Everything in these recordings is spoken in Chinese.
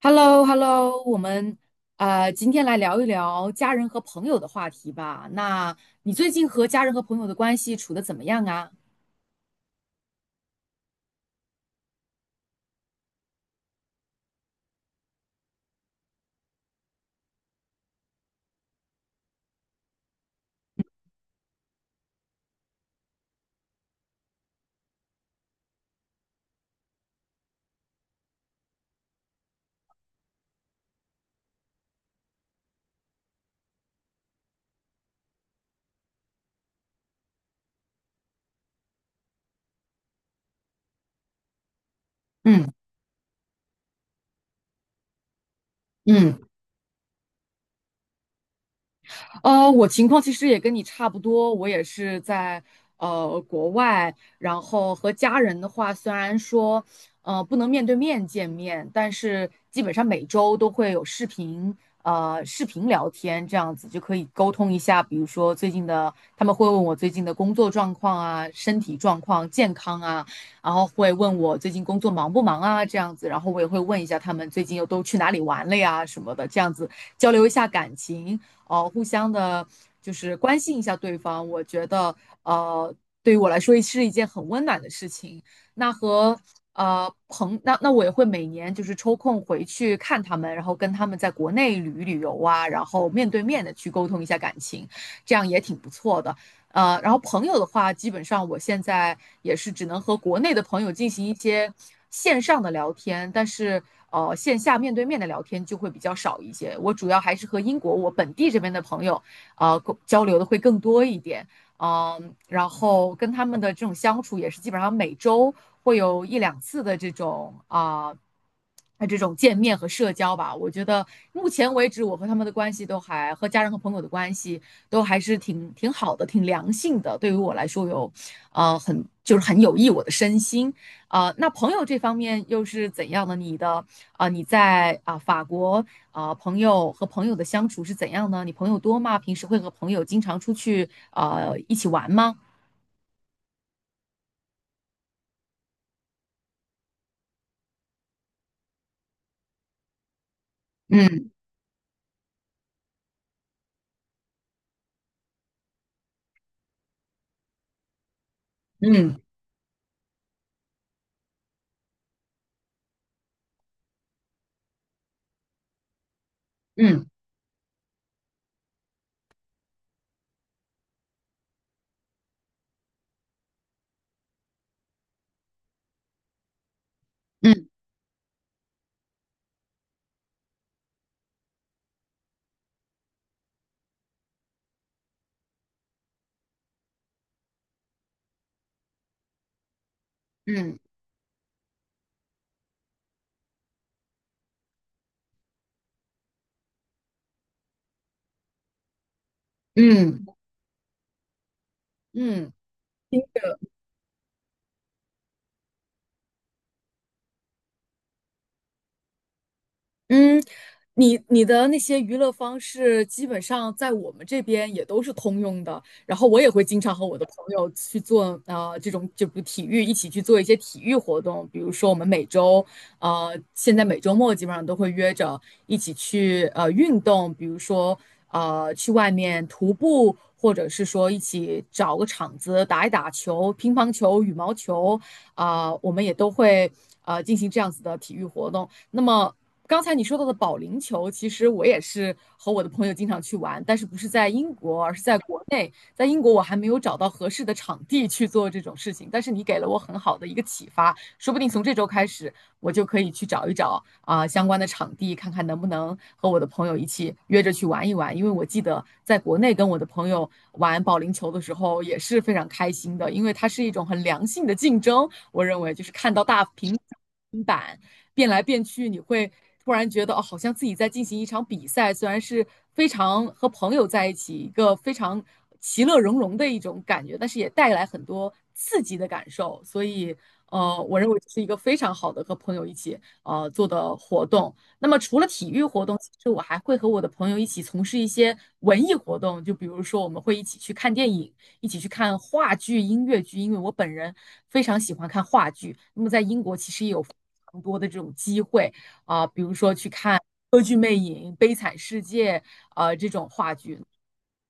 h e l l o h e l l o 我们今天来聊一聊家人和朋友的话题吧。那你最近和家人和朋友的关系处的怎么样啊？嗯嗯。我情况其实也跟你差不多，我也是在国外，然后和家人的话，虽然说不能面对面见面，但是基本上每周都会有视频，视频聊天这样子就可以沟通一下，比如说最近的，他们会问我最近的工作状况啊、身体状况、健康啊，然后会问我最近工作忙不忙啊这样子，然后我也会问一下他们最近又都去哪里玩了呀什么的，这样子交流一下感情。互相的，就是关心一下对方，我觉得呃对于我来说是一件很温暖的事情。那和那我也会每年就是抽空回去看他们，然后跟他们在国内旅游啊，然后面对面的去沟通一下感情，这样也挺不错的。然后朋友的话，基本上我现在也是只能和国内的朋友进行一些线上的聊天，但是线下面对面的聊天就会比较少一些。我主要还是和英国我本地这边的朋友，交流的会更多一点。嗯，然后跟他们的这种相处也是基本上每周会有一两次的这种见面和社交吧。我觉得目前为止，我和他们的关系都还和家人和朋友的关系都还是挺好的，挺良性的。对于我来说有很就是很有益我的身心。那朋友这方面又是怎样的？你在法国朋友和朋友的相处是怎样呢？你朋友多吗？平时会和朋友经常出去一起玩吗？嗯嗯嗯嗯嗯嗯嗯嗯。嗯嗯嗯嗯，你的那些娱乐方式，基本上在我们这边也都是通用的。然后我也会经常和我的朋友去做这种就比如体育，一起去做一些体育活动。比如说我们现在每周末基本上都会约着一起去运动，比如说去外面徒步，或者是说一起找个场子打一打球，乒乓球、羽毛球啊、我们也都会进行这样子的体育活动。那么刚才你说到的保龄球，其实我也是和我的朋友经常去玩，但是不是在英国，而是在国内。在英国，我还没有找到合适的场地去做这种事情，但是你给了我很好的一个启发，说不定从这周开始，我就可以去找一找相关的场地，看看能不能和我的朋友一起约着去玩一玩。因为我记得在国内跟我的朋友玩保龄球的时候也是非常开心的，因为它是一种很良性的竞争，我认为就是看到大平板，变来变去，你会突然觉得哦，好像自己在进行一场比赛，虽然是非常和朋友在一起，一个非常其乐融融的一种感觉，但是也带来很多刺激的感受。所以，我认为这是一个非常好的和朋友一起做的活动。那么除了体育活动，其实我还会和我的朋友一起从事一些文艺活动，就比如说我们会一起去看电影，一起去看话剧、音乐剧，因为我本人非常喜欢看话剧。那么在英国其实也有非常多的这种机会啊、比如说去看《歌剧魅影》《悲惨世界》啊这种话剧。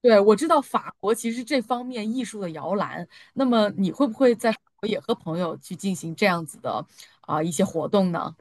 对，我知道法国其实这方面艺术的摇篮。那么你会不会在法国也和朋友去进行这样子的一些活动呢？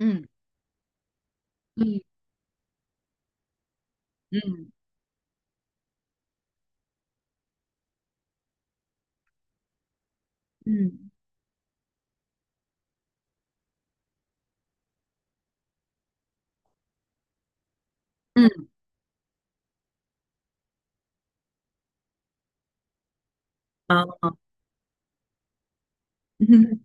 嗯嗯嗯嗯嗯啊嗯。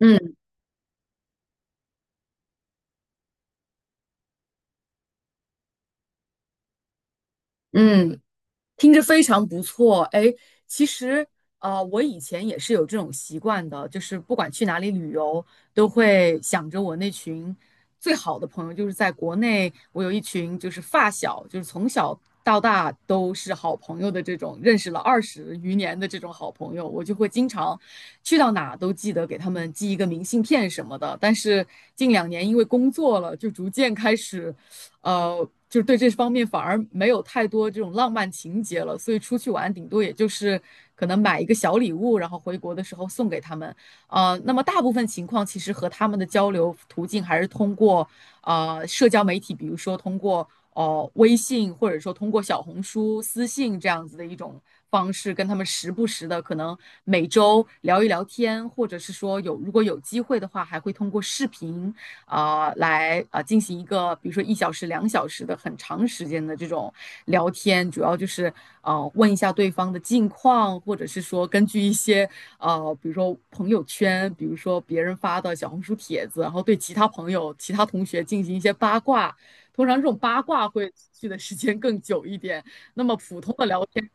嗯嗯，听着非常不错，哎，其实我以前也是有这种习惯的，就是不管去哪里旅游，都会想着我那群最好的朋友，就是在国内，我有一群就是发小，就是从小到大都是好朋友的这种，认识了20余年的这种好朋友，我就会经常去到哪都记得给他们寄一个明信片什么的。但是近两年因为工作了，就逐渐开始。就是对这方面反而没有太多这种浪漫情节了，所以出去玩顶多也就是可能买一个小礼物，然后回国的时候送给他们。那么大部分情况其实和他们的交流途径还是通过社交媒体，比如说通过微信，或者说通过小红书私信这样子的一种方式，跟他们时不时的可能每周聊一聊天，或者是说有如果有机会的话，还会通过视频啊，来啊，进行一个，比如说1小时、2小时的很长时间的这种聊天，主要就是问一下对方的近况，或者是说根据一些比如说朋友圈，比如说别人发的小红书帖子，然后对其他朋友、其他同学进行一些八卦。通常这种八卦会持续的时间更久一点，那么普通的聊天。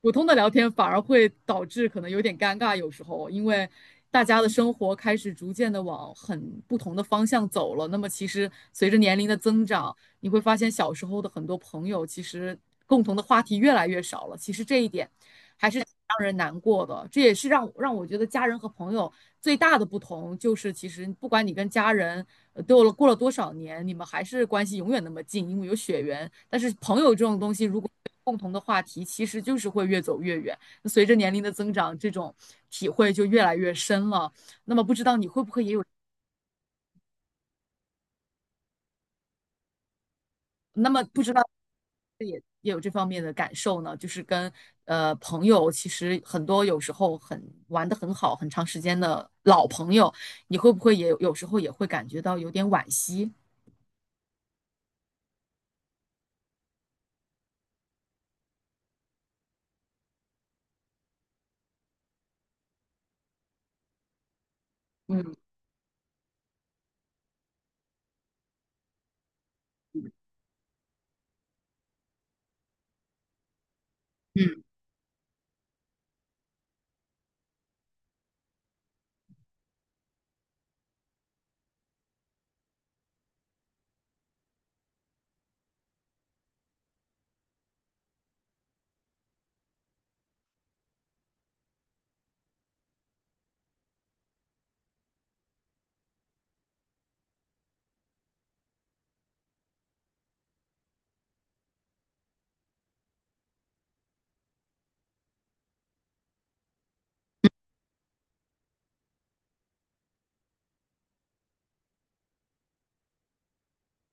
普通的聊天反而会导致可能有点尴尬，有时候因为大家的生活开始逐渐的往很不同的方向走了。那么其实随着年龄的增长，你会发现小时候的很多朋友其实共同的话题越来越少了。其实这一点还是让人难过的，这也是让我觉得家人和朋友最大的不同就是，其实不管你跟家人都过了多少年，你们还是关系永远那么近，因为有血缘。但是朋友这种东西，如果共同的话题，其实就是会越走越远。随着年龄的增长，这种体会就越来越深了。那么不知道你会不会也有，那么不知道也有这方面的感受呢？就是跟朋友，其实很多有时候很玩的很好，很长时间的老朋友，你会不会也有时候也会感觉到有点惋惜？嗯。嗯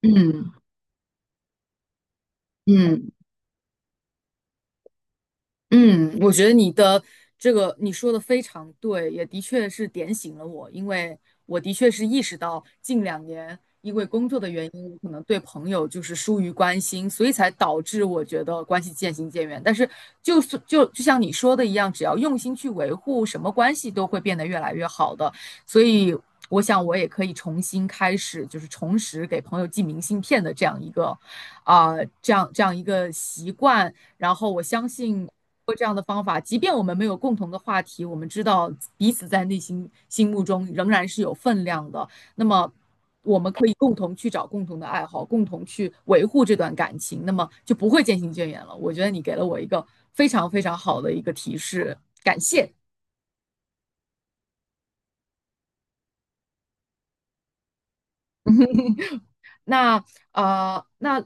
嗯嗯。嗯，我觉得你的这个你说的非常对，也的确是点醒了我，因为我的确是意识到近两年因为工作的原因，我可能对朋友就是疏于关心，所以才导致我觉得关系渐行渐远。但是就是就像你说的一样，只要用心去维护，什么关系都会变得越来越好的。所以我想我也可以重新开始，就是重拾给朋友寄明信片的这样一个啊、这样一个习惯。然后我相信通过这样的方法，即便我们没有共同的话题，我们知道彼此在内心心目中仍然是有分量的。那么，我们可以共同去找共同的爱好，共同去维护这段感情，那么就不会渐行渐远了。我觉得你给了我一个非常非常好的一个提示，感谢。那那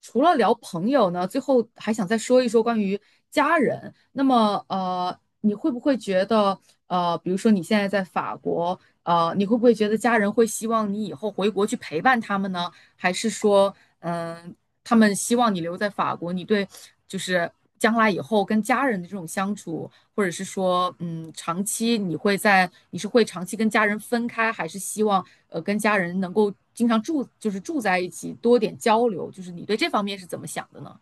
除了聊朋友呢，最后还想再说一说关于家人。那么你会不会觉得比如说你现在在法国，你会不会觉得家人会希望你以后回国去陪伴他们呢？还是说，嗯，他们希望你留在法国，你对就是将来以后跟家人的这种相处，或者是说，嗯，长期你是会长期跟家人分开，还是希望跟家人能够经常住，就是住在一起，多点交流？就是你对这方面是怎么想的呢？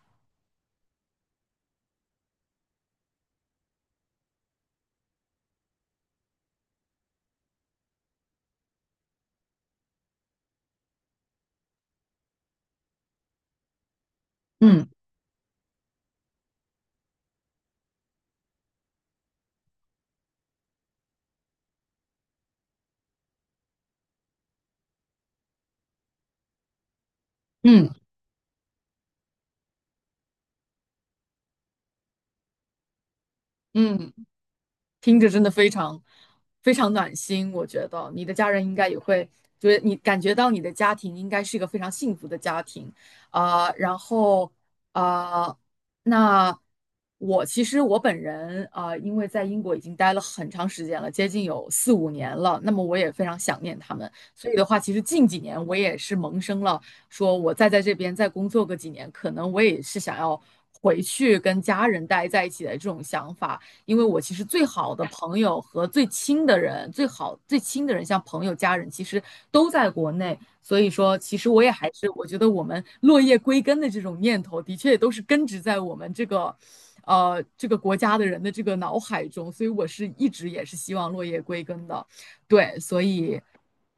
嗯嗯嗯，听着真的非常非常暖心，我觉得你的家人应该也会就得你感觉到你的家庭应该是一个非常幸福的家庭然后啊、呃那我其实我本人因为在英国已经待了很长时间了，接近有四五年了，那么我也非常想念他们，所以的话，其实近几年我也是萌生了说，我再在这边再工作个几年，可能我也是想要回去跟家人待在一起的这种想法。因为我其实最好的朋友和最亲的人，最好最亲的人，像朋友、家人，其实都在国内。所以说，其实我也还是，我觉得我们落叶归根的这种念头，的确也都是根植在我们这个，这个国家的人的这个脑海中。所以我是一直也是希望落叶归根的，对，所以。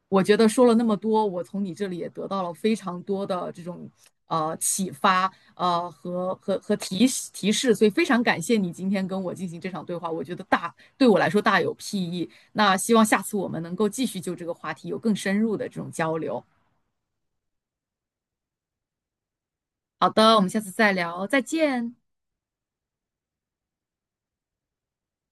我觉得说了那么多，我从你这里也得到了非常多的这种启发，和提示，所以非常感谢你今天跟我进行这场对话，我觉得大对我来说大有裨益。那希望下次我们能够继续就这个话题有更深入的这种交流。好的，我们下次再聊，再见。